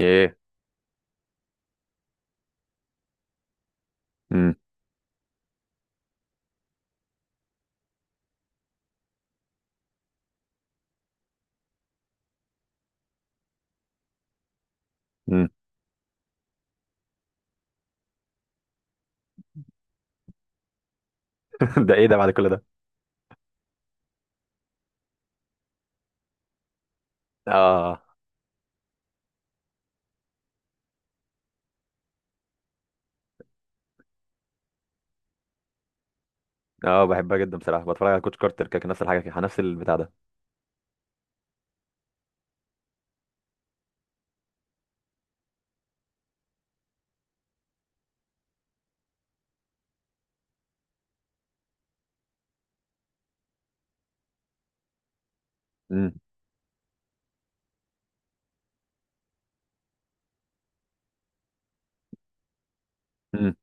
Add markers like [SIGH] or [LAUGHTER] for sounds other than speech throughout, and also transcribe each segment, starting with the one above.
ايه. امم امم [LAUGHS] ده ايه ده بعد كل ده؟ اه، اه، بحبها جدا بصراحه، بتفرج على كوتش كارتر كده، نفس الحاجه كده، نفس البتاع ده. امم امم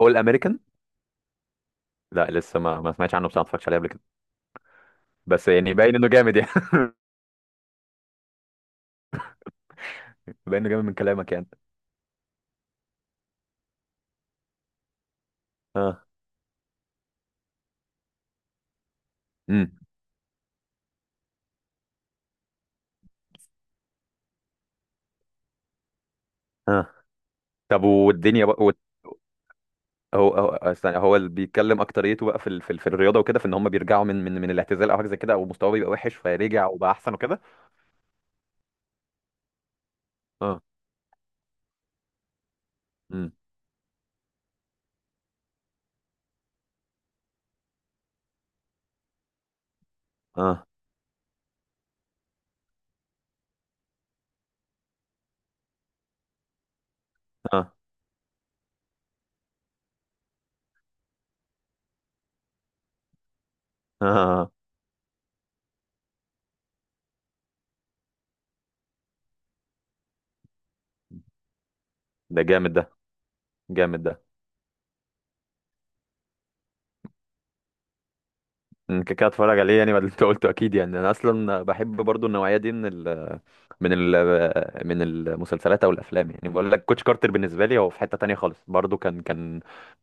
اول امريكان؟ لا، لسه ما سمعتش عنه بصراحه، ما اتفرجتش عليه قبل كده، بس يعني باين انه جامد يعني. [LAUGHS] باين انه جامد من كلامك يعني. اه. امم اه. طب، والدنيا بقى هو استنى، هو اللي بيتكلم اكتريته بقى في الرياضه وكده، في ان هم بيرجعوا من الاعتزال او حاجه زي كده، او مستواه بيبقى وحش فيرجع وبقى احسن وكده. اه. امم اه، اه، اه، ده جامد ده، جامد ده. كده كده اتفرج عليه يعني، بعد اللي انت قلته اكيد يعني، انا اصلا بحب برضو النوعيه دي من ال من ال من المسلسلات او الافلام. يعني بقول لك كوتش كارتر بالنسبه لي هو في حته تانية خالص، برضو كان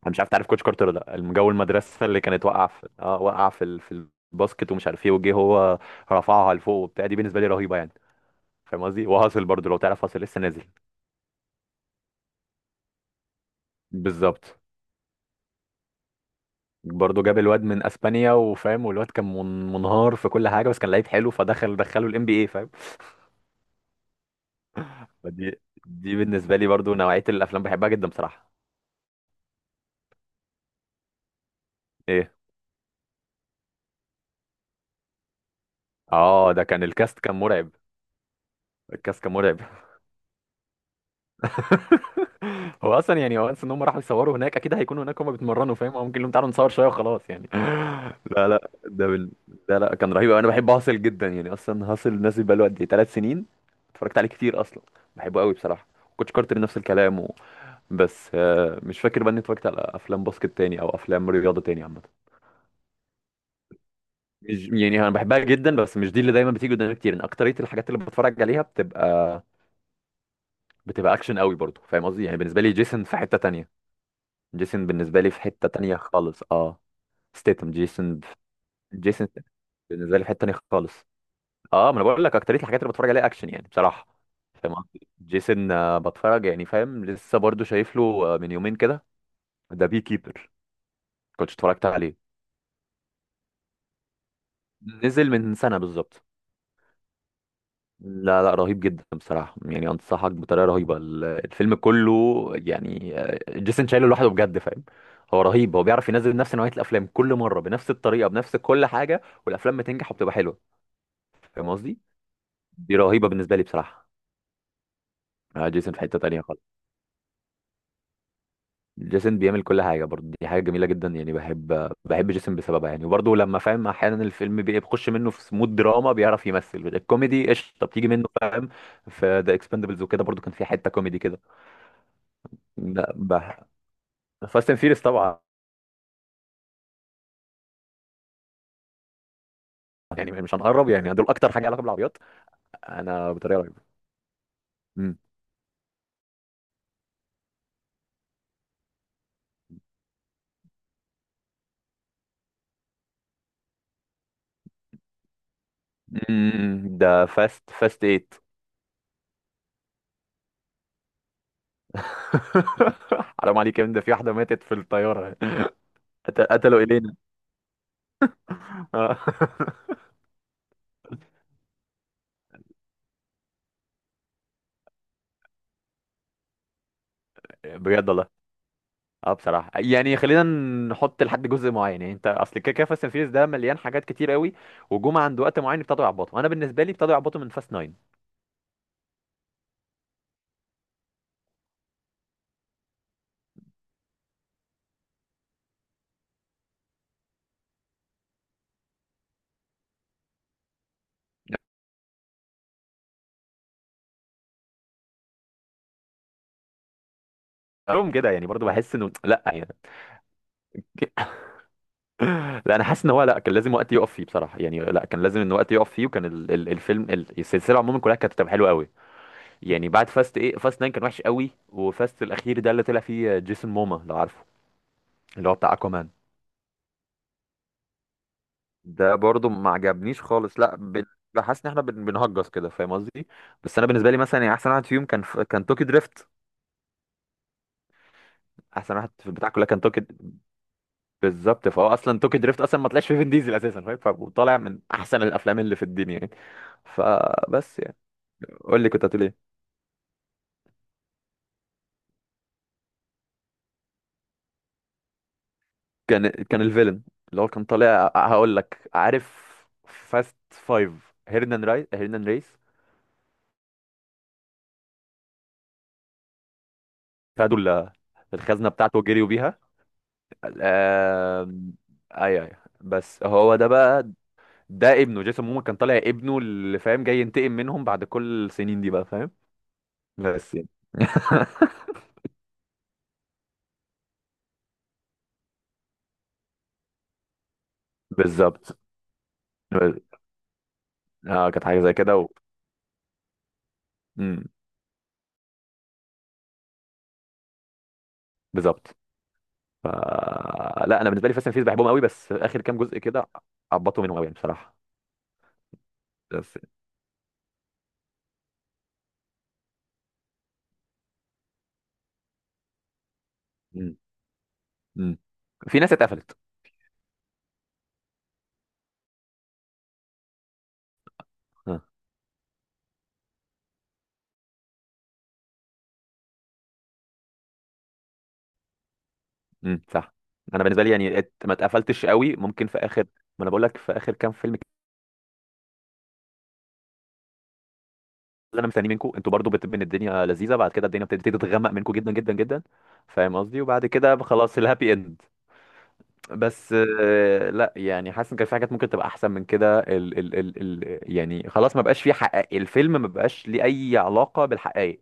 انا مش عارف تعرف كوتش كارتر ولا لا. الجو المدرسه اللي كانت واقعه في الباسكت، ومش عارف ايه، وجه هو رفعها لفوق وبتاع، دي بالنسبه لي رهيبه يعني، فاهم قصدي. وهاصل برضو لو تعرف، هاصل لسه نازل. بالظبط، برضه جاب الواد من اسبانيا وفاهم، والواد كان منهار في كل حاجه، بس كان لعيب حلو، فدخل دخله الام بي اي فاهم. دي دي بالنسبه لي برضو نوعيه الافلام بحبها جدا بصراحه. ايه. اه، ده كان الكاست، كان مرعب. الكاست كان مرعب. [LAUGHS] هو اصلا يعني وانس ان هم راحوا يصوروا هناك، اكيد هيكونوا هناك هم بيتمرنوا فاهم، او ممكن لهم تعالوا نصور شويه وخلاص يعني. [LAUGHS] لا، لا، لا، لا، كان رهيب أوي. انا بحب هاسل جدا يعني. اصلا هاسل نازل بقاله قد ايه، 3 سنين. اتفرجت عليه كتير اصلا. بحبه قوي بصراحه. كوتش كارتر نفس الكلام بس مش فاكر بقى اني اتفرجت على افلام باسكت تاني او افلام رياضه تاني عامه. مش يعني انا بحبها جدا، بس مش دي اللي دايما بتيجي قدامي كتير. ان اكتريه الحاجات اللي بتفرج عليها بتبقى، بتبقى اكشن قوي برضو، فاهم قصدي. يعني بالنسبه لي جيسون في حته تانية. جيسون بالنسبه لي في حته تانية خالص. اه، ستيتم جيسون. جيسون بالنسبه لي في حته تانية خالص. اه، ما انا بقول لك اكتريه الحاجات اللي بتفرج عليها اكشن يعني بصراحه. فاهم قصدي. جيسون بتفرج يعني فاهم. لسه برضو شايف له من يومين كده، ذا بي كيبر، كنت اتفرجت عليه. نزل من سنه بالظبط. لا، لا، رهيب جدا بصراحة يعني، أنصحك بطريقة رهيبة. الفيلم كله يعني، جيسون شايله لوحده بجد فاهم. هو رهيب. هو بيعرف ينزل نفس نوعية الأفلام كل مرة بنفس الطريقة، بنفس كل حاجة، والأفلام بتنجح وبتبقى حلوة. فاهم قصدي؟ دي رهيبة بالنسبة لي بصراحة. جيسون في حتة تانية خالص. جيسون بيعمل كل حاجة برضه، دي حاجة جميلة جدا يعني. بحب جيسون بسببها يعني. وبرضه لما فاهم أحيانا الفيلم بيخش منه في مود دراما، بيعرف يمثل الكوميدي، قشطة بتيجي منه فاهم. في ذا اكسبندبلز وكده برضه كان في حتة كوميدي كده. لا، فاست اند فيريس طبعا. يعني مش هنقرب يعني، دول اكتر حاجه علاقه بالعربيات. انا بطريقه رهيبه. مم. مم. ده فاست 8. [LAUGHS] حرام عليك يا ابني، ده في واحده ماتت في الطياره. [LAUGHS] قتلوا الينا. آه. [LAUGHS] بجد والله. اه بصراحه يعني، خلينا نحط لحد جزء معين يعني. انت اصل كده كده فاست اند فيريس ده مليان حاجات كتير قوي، وجم عند وقت معين ابتدوا يعبطوا. انا بالنسبه لي ابتدوا يعبطوا من فاست 9. لهم كده يعني برضو بحس انه لا يعني. لا انا حاسس ان هو، لا كان لازم وقت يقف فيه بصراحه يعني. لا كان لازم ان وقت يقف فيه، وكان ال ال الفيلم، السلسله عموما كلها كانت بتبقى حلوه قوي. يعني بعد فاست ايه، فاست 9 كان وحش قوي، وفاست الاخير ده اللي طلع فيه جيسون موما، لو عارفه، اللي هو بتاع اكوامان، ده برضو ما عجبنيش خالص. لا، بحس ان احنا بنهجس كده، فاهم قصدي. بس انا بالنسبه لي مثلا يعني احسن واحد فيهم كان كان توكي دريفت. احسن واحد في البتاع كلها كان توكي. بالظبط، فهو اصلا توكي دريفت اصلا ما طلعش فيه فين ديزل اساسا فاهم، فطالع من احسن الافلام اللي في الدنيا يعني، فبس يعني. قول لي كنت هتقول ايه؟ كان الفيلن اللي هو كان طالع. هقول لك، عارف فاست 5، هيرنان راي، هيرنان ريس؟ خدوا الخزنه بتاعته وجريوا بيها. آم، ايوه، ايوه. بس هو ده بقى، ده ابنه. جيسون مومو كان طالع ابنه، اللي فاهم جاي ينتقم منهم بعد كل السنين دي بقى، فاهم. بس يعني. [LAUGHS] بالظبط. اه كانت حاجه زي كده مم، بالظبط. ف... لا، انا بالنسبه لي فاست اند فيز بحبهم قوي، بس اخر كام جزء كده عبطوا منهم قوي يعني بصراحه. بس. امم. في ناس اتقفلت. ها. امم، صح. انا بالنسبه لي يعني ما اتقفلتش قوي، ممكن في اخر. ما انا بقول لك في اخر كام فيلم كده. اللي انا مستنيه منكم انتوا برضو، بتبقى ان الدنيا لذيذه، بعد كده الدنيا بتبتدي تتغمق منكم جدا جدا جدا. فاهم قصدي. وبعد كده خلاص، الهابي اند. بس لا يعني حاسس ان كان في حاجات ممكن تبقى احسن من كده. ال ال ال ال يعني خلاص، ما بقاش في حقائق الفيلم، ما بقاش ليه اي علاقه بالحقائق،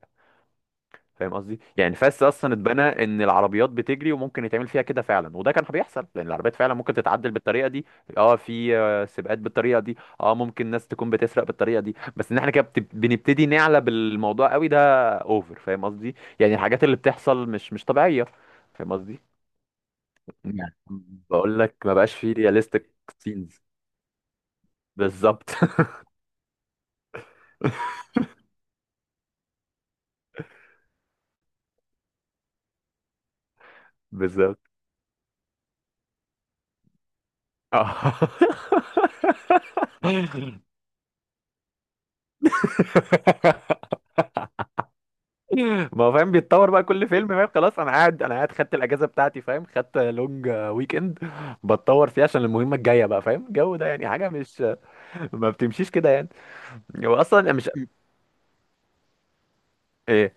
فاهم قصدي. يعني فاس اصلا اتبنى ان العربيات بتجري وممكن يتعمل فيها كده فعلا، وده كان بيحصل لان العربيات فعلا ممكن تتعدل بالطريقه دي. اه في سباقات بالطريقه دي. اه، ممكن ناس تكون بتسرق بالطريقه دي، بس ان احنا كده بنبتدي نعلى بالموضوع قوي ده اوفر، فاهم قصدي. يعني الحاجات اللي بتحصل مش طبيعيه، فاهم قصدي. يعني بقول لك ما بقاش فيه رياليستيك سينز. بالظبط. [LAUGHS] بالظبط. اه. [LAUGHS] [LAUGHS] ما هو فاهم بيتطور بقى كل فيلم فاهم. خلاص انا قاعد، انا قاعد خدت الاجازه بتاعتي فاهم، خدت لونج ويك اند، بتطور فيها عشان المهمه الجايه بقى فاهم. الجو ده يعني حاجه مش، ما بتمشيش كده يعني. هو اصلا مش. ايه؟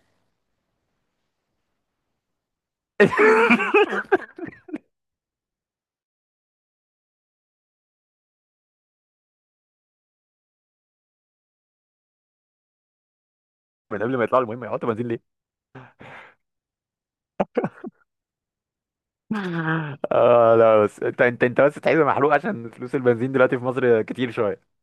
[LAUGHS] من قبل ما يطلعوا المهمه يحطوا بنزين ليه؟ [LAUGHS] اه، لا، بس انت بس تحس محروق عشان فلوس البنزين دلوقتي في مصر كتير شويه.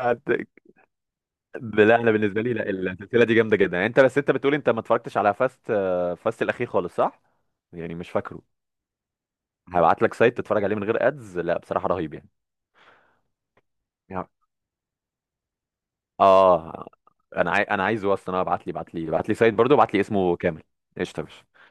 هت- لا انا بالنسبه لي، لا السلسله دي جامده جدا يعني. انت بس انت بتقول انت ما اتفرجتش على فاست، فاست الاخير خالص، صح؟ يعني مش فاكره. هبعت لك سايت تتفرج عليه من غير ادز، لا بصراحه رهيب يعني. اه، انا انا عايزه اصلا. انا ابعت لي، ابعت لي، ابعت لي سايت برضو، ابعت لي اسمه كامل. قشطه يا باشا.